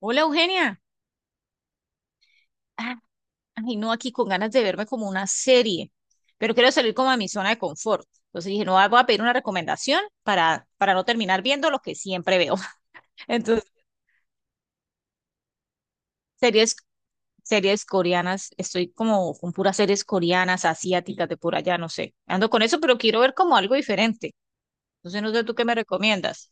Hola, Eugenia. Ah. Ay, no, aquí con ganas de verme como una serie, pero quiero salir como a mi zona de confort. Entonces dije, no, ah, voy a pedir una recomendación para, no terminar viendo lo que siempre veo. Entonces, series, series coreanas, estoy como con puras series coreanas, asiáticas, de por allá, no sé. Ando con eso, pero quiero ver como algo diferente. Entonces, no sé tú qué me recomiendas.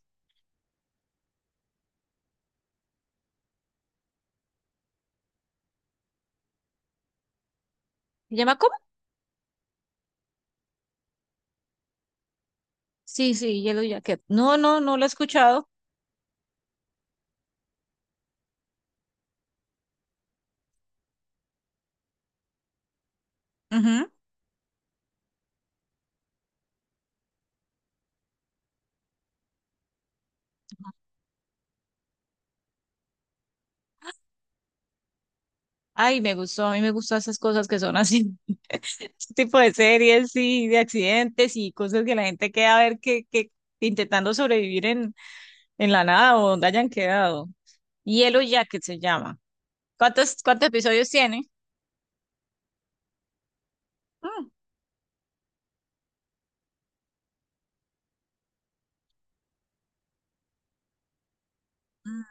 ¿Se llama cómo? Sí, sí, Yellow Jacket. No, no, no lo he escuchado. Ujú. Ay, me gustó, a mí me gustan esas cosas que son así, ese tipo de series y de accidentes y cosas que la gente queda a ver que, intentando sobrevivir en, la nada o donde hayan quedado. Yellow Jacket se llama. ¿Cuántos, episodios tiene? Mm.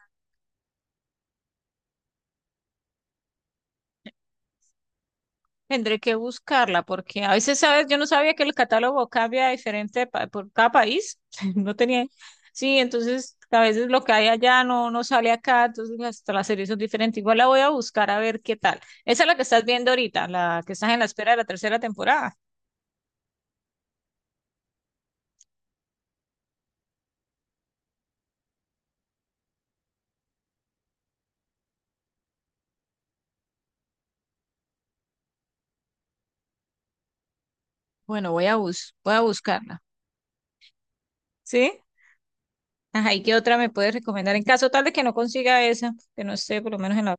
Tendré que buscarla porque a veces, ¿sabes? Yo no sabía que el catálogo cambia diferente por cada país. No tenía. Sí, entonces a veces lo que hay allá no, no sale acá, entonces hasta las series son diferentes. Igual la voy a buscar a ver qué tal. Esa es la que estás viendo ahorita, la que estás en la espera de la tercera temporada. Bueno, voy a buscarla. ¿Sí? Ajá, ¿y qué otra me puedes recomendar? En caso tal de que no consiga esa, que no esté por lo menos en la...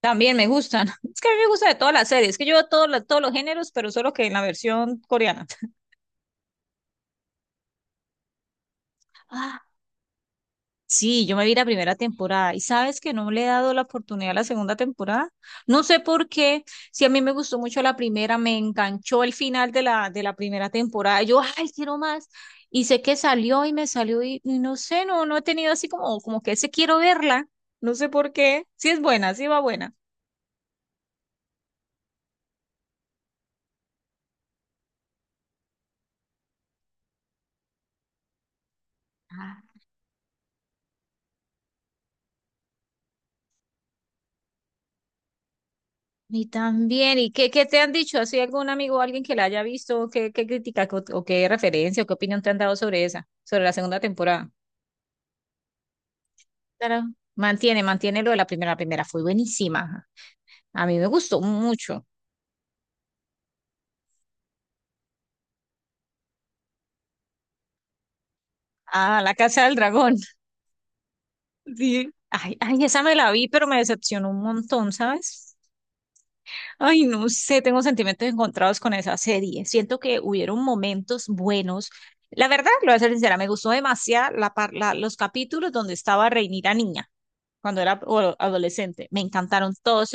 También me gustan. Es que a mí me gusta de todas las series, que yo veo todos los géneros, pero solo que en la versión coreana. Ah, sí, yo me vi la primera temporada y sabes que no le he dado la oportunidad a la segunda temporada. No sé por qué, si a mí me gustó mucho la primera, me enganchó el final de la, primera temporada. Yo, ay, quiero más. Y sé que salió y me salió y no sé, no, no he tenido así como, que ese quiero verla. No sé por qué. Sí es buena, sí va buena. Ah. Y también, ¿y qué, te han dicho? ¿Así algún amigo o alguien que la haya visto? ¿Qué, crítica o qué referencia o qué opinión te han dado sobre esa, sobre la segunda temporada? Claro, mantiene lo de la primera. La primera fue buenísima. A mí me gustó mucho. Ah, La Casa del Dragón. Sí. Ay, ay, esa me la vi, pero me decepcionó un montón, ¿sabes? Ay, no sé, tengo sentimientos encontrados con esa serie. Siento que hubieron momentos buenos. La verdad, lo voy a ser sincera, me gustó demasiado los capítulos donde estaba Rhaenyra niña, cuando era adolescente. Me encantaron todos.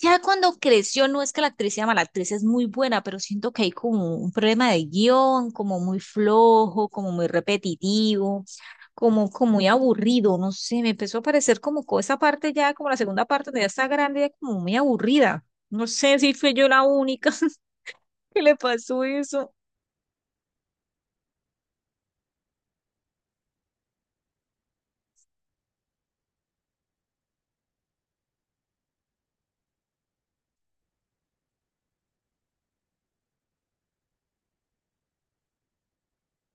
Ya cuando creció, no es que la actriz sea mala, la actriz es muy buena, pero siento que hay como un problema de guión, como muy flojo, como muy repetitivo, como muy aburrido, no sé, me empezó a parecer como esa parte ya, como la segunda parte donde ya está grande, ya como muy aburrida. No sé si fui yo la única que le pasó eso.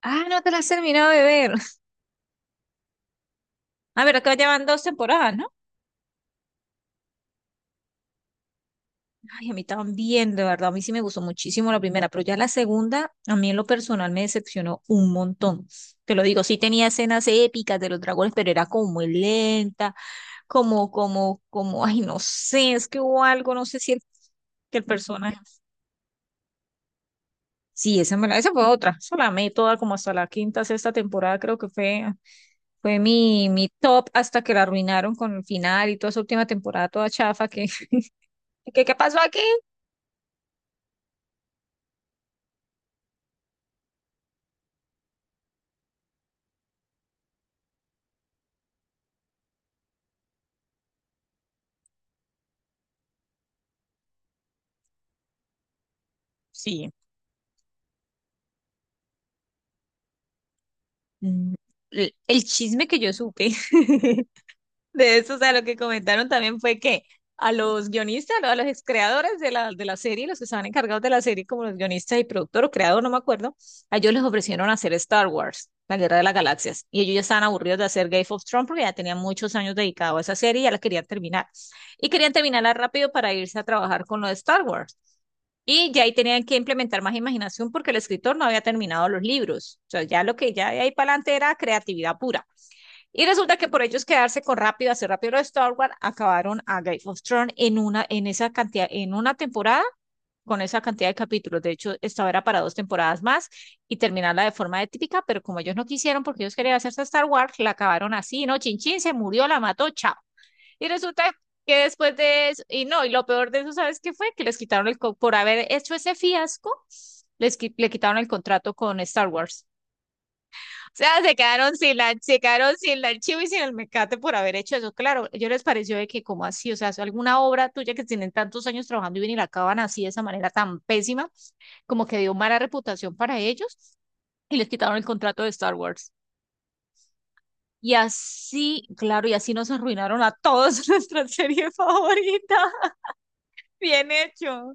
Ah, no te la has terminado de ver. A ver, acá ya van dos temporadas, ¿no? Ay, a mí también, de verdad, a mí sí me gustó muchísimo la primera, pero ya la segunda, a mí en lo personal me decepcionó un montón. Te lo digo, sí tenía escenas épicas de los dragones, pero era como muy lenta, ay, no sé, es que hubo algo, no sé si el, que el personaje. Sí, esa, esa fue otra, esa la amé toda como hasta la quinta, sexta temporada, creo que fue mi top hasta que la arruinaron con el final y toda esa última temporada toda chafa que, que, ¿qué pasó aquí? Sí. Mm, el chisme que yo supe de eso, o sea, lo que comentaron también fue que a los guionistas, ¿no? A los creadores de la, serie, los que estaban encargados de la serie, como los guionistas y productor o creador, no me acuerdo, a ellos les ofrecieron hacer Star Wars, La Guerra de las Galaxias, y ellos ya estaban aburridos de hacer Game of Thrones porque ya tenían muchos años dedicados a esa serie y ya la querían terminar. Y querían terminarla rápido para irse a trabajar con lo de Star Wars. Y ya ahí tenían que implementar más imaginación porque el escritor no había terminado los libros. O sea, ya lo que ya de ahí para adelante era creatividad pura. Y resulta que por ellos quedarse con rápido, hacer rápido de Star Wars, acabaron a Game of Thrones en una, en esa cantidad, en una temporada con esa cantidad de capítulos. De hecho, esta era para dos temporadas más y terminarla de forma típica, pero como ellos no quisieron, porque ellos querían hacerse Star Wars, la acabaron así, ¿no? Chin Chin se murió, la mató, chao. Y resulta que después de eso, y no, y lo peor de eso, ¿sabes qué fue? Que les quitaron el, por haber hecho ese fiasco, le quitaron el contrato con Star Wars sea, se quedaron sin la archivo y sin el mecate por haber hecho eso. Claro, yo les pareció de que, ¿como así? O sea, alguna obra tuya que tienen tantos años trabajando y ven y la acaban así de esa manera tan pésima, como que dio mala reputación para ellos y les quitaron el contrato de Star Wars. Y así, claro, y así nos arruinaron a todos nuestra serie favorita. Bien hecho.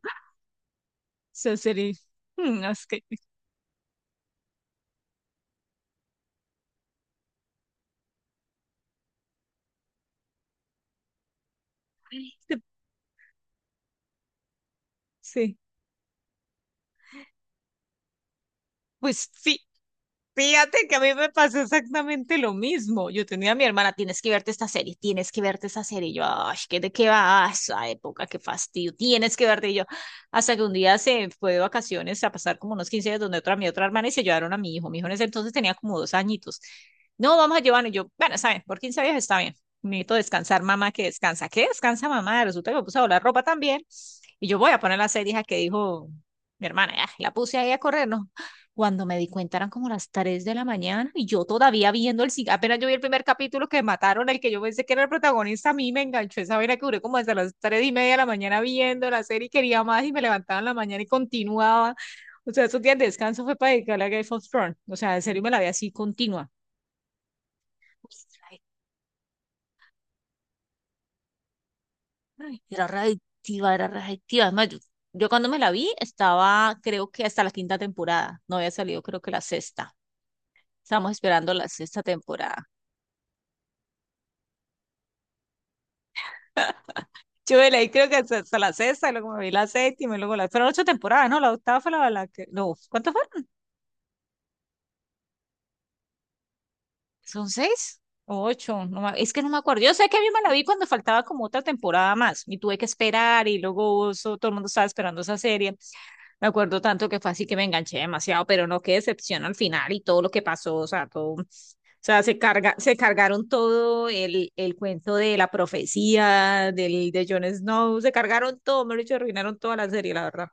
Esa serie. mm, es que- Ay. Sí. Pues sí, fíjate que a mí me pasó exactamente lo mismo. Yo tenía a mi hermana, tienes que verte esta serie, tienes que verte esta serie. Y yo, ay, ¿de qué va a esa época? Qué fastidio, tienes que verte. Y yo, hasta que un día se fue de vacaciones a pasar como unos 15 días donde otra, mi otra hermana, y se llevaron a mi hijo. Mi hijo en ese entonces tenía como 2 añitos. No, vamos a llevarlo. Y yo, bueno, saben, por 15 días está bien. Necesito descansar, mamá, que descansa. ¿Qué descansa, mamá? Resulta que me puse a doblar ropa también. Y yo voy a poner la serie hija, que dijo mi hermana, ah, la puse ahí a correr, ¿no? Cuando me di cuenta eran como las 3 de la mañana y yo todavía viendo el cine, apenas yo vi el primer capítulo que mataron, el que yo pensé que era el protagonista, a mí me enganchó esa vaina que duré como hasta las 3 y media de la mañana viendo la serie, quería más y me levantaba en la mañana y continuaba. O sea, esos días de descanso fue para dedicarle a Game of Thrones. O sea, en serio me la vi así continua. Ay, era readictiva, era readictiva. Además, yo, cuando me la vi estaba, creo que hasta la quinta temporada. No había salido, creo que la sexta. Estamos esperando la sexta temporada. Yo de ahí creo que hasta la sexta, luego me vi la séptima, y luego la... Fueron ocho temporadas, ¿no? La octava fue la que... No, ¿cuántas? ¿Son seis? O ocho, es que no me acuerdo. Yo sé que a mí me la vi cuando faltaba como otra temporada más y tuve que esperar y luego eso, todo el mundo estaba esperando esa serie. Me acuerdo tanto que fue así que me enganché demasiado, pero no, qué decepción al final y todo lo que pasó, o sea, todo, o sea, se cargaron el cuento de la profecía del, de Jon Snow, se cargaron todo, me lo dicho arruinaron toda la serie, la verdad.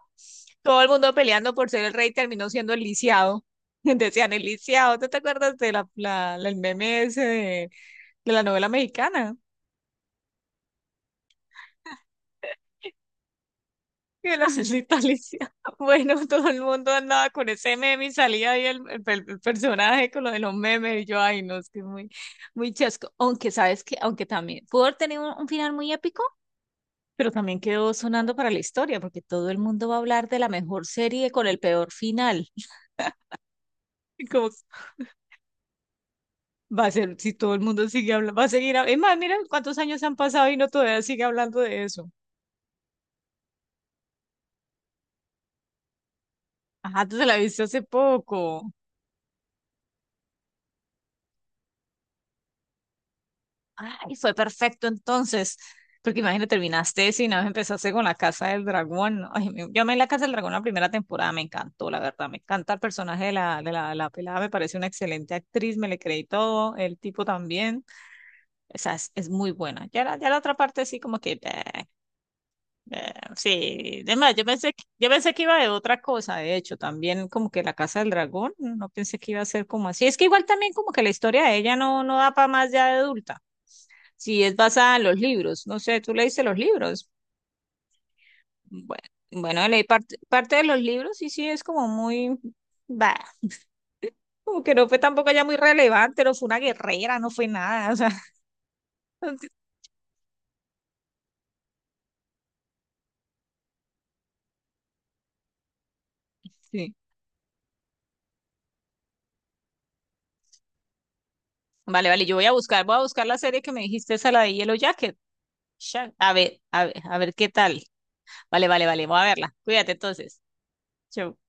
Todo el mundo peleando por ser el rey terminó siendo el lisiado. Decían el lisiado, ¿tú te acuerdas de el meme ese de la novela mexicana? Que de la salsita lisiado. Bueno, todo el mundo andaba con ese meme y salía ahí el personaje con lo de los memes. Y yo, ay, no, es que es muy, muy chasco. Aunque, ¿sabes que Aunque también pudo haber tenido un, final muy épico, pero también quedó sonando para la historia, porque todo el mundo va a hablar de la mejor serie con el peor final. Y como va a ser, si todo el mundo sigue hablando, va a seguir. Es más, mira cuántos años han pasado y no todavía sigue hablando de eso. Ajá, tú te la viste hace poco. Ay, fue perfecto entonces. Porque imagínate, terminaste si nada más empezaste con La Casa del Dragón. Ay, yo amé La Casa del Dragón la primera temporada, me encantó, la verdad. Me encanta el personaje de la pelada, me parece una excelente actriz, me le creí todo, el tipo también. O sea, es muy buena. Ya la otra parte sí como que... bleh. Eh, sí, además, yo pensé que iba de otra cosa, de hecho, también como que la Casa del Dragón, no pensé que iba a ser como así. Es que igual también como que la historia de ella no, no da para más ya de adulta. Si es basada en los libros, no sé, tú leíste los libros. Bueno, bueno, leí parte de los libros y sí es como muy, bah, como que no fue tampoco ya muy relevante, no fue una guerrera, no fue nada, o sea, sí. Vale, vale, yo voy a buscar la serie que me dijiste, esa la de Yellow Jacket. A ver, a ver, a ver qué tal. Vale, vale, vale. Voy a verla. Cuídate entonces. Chau.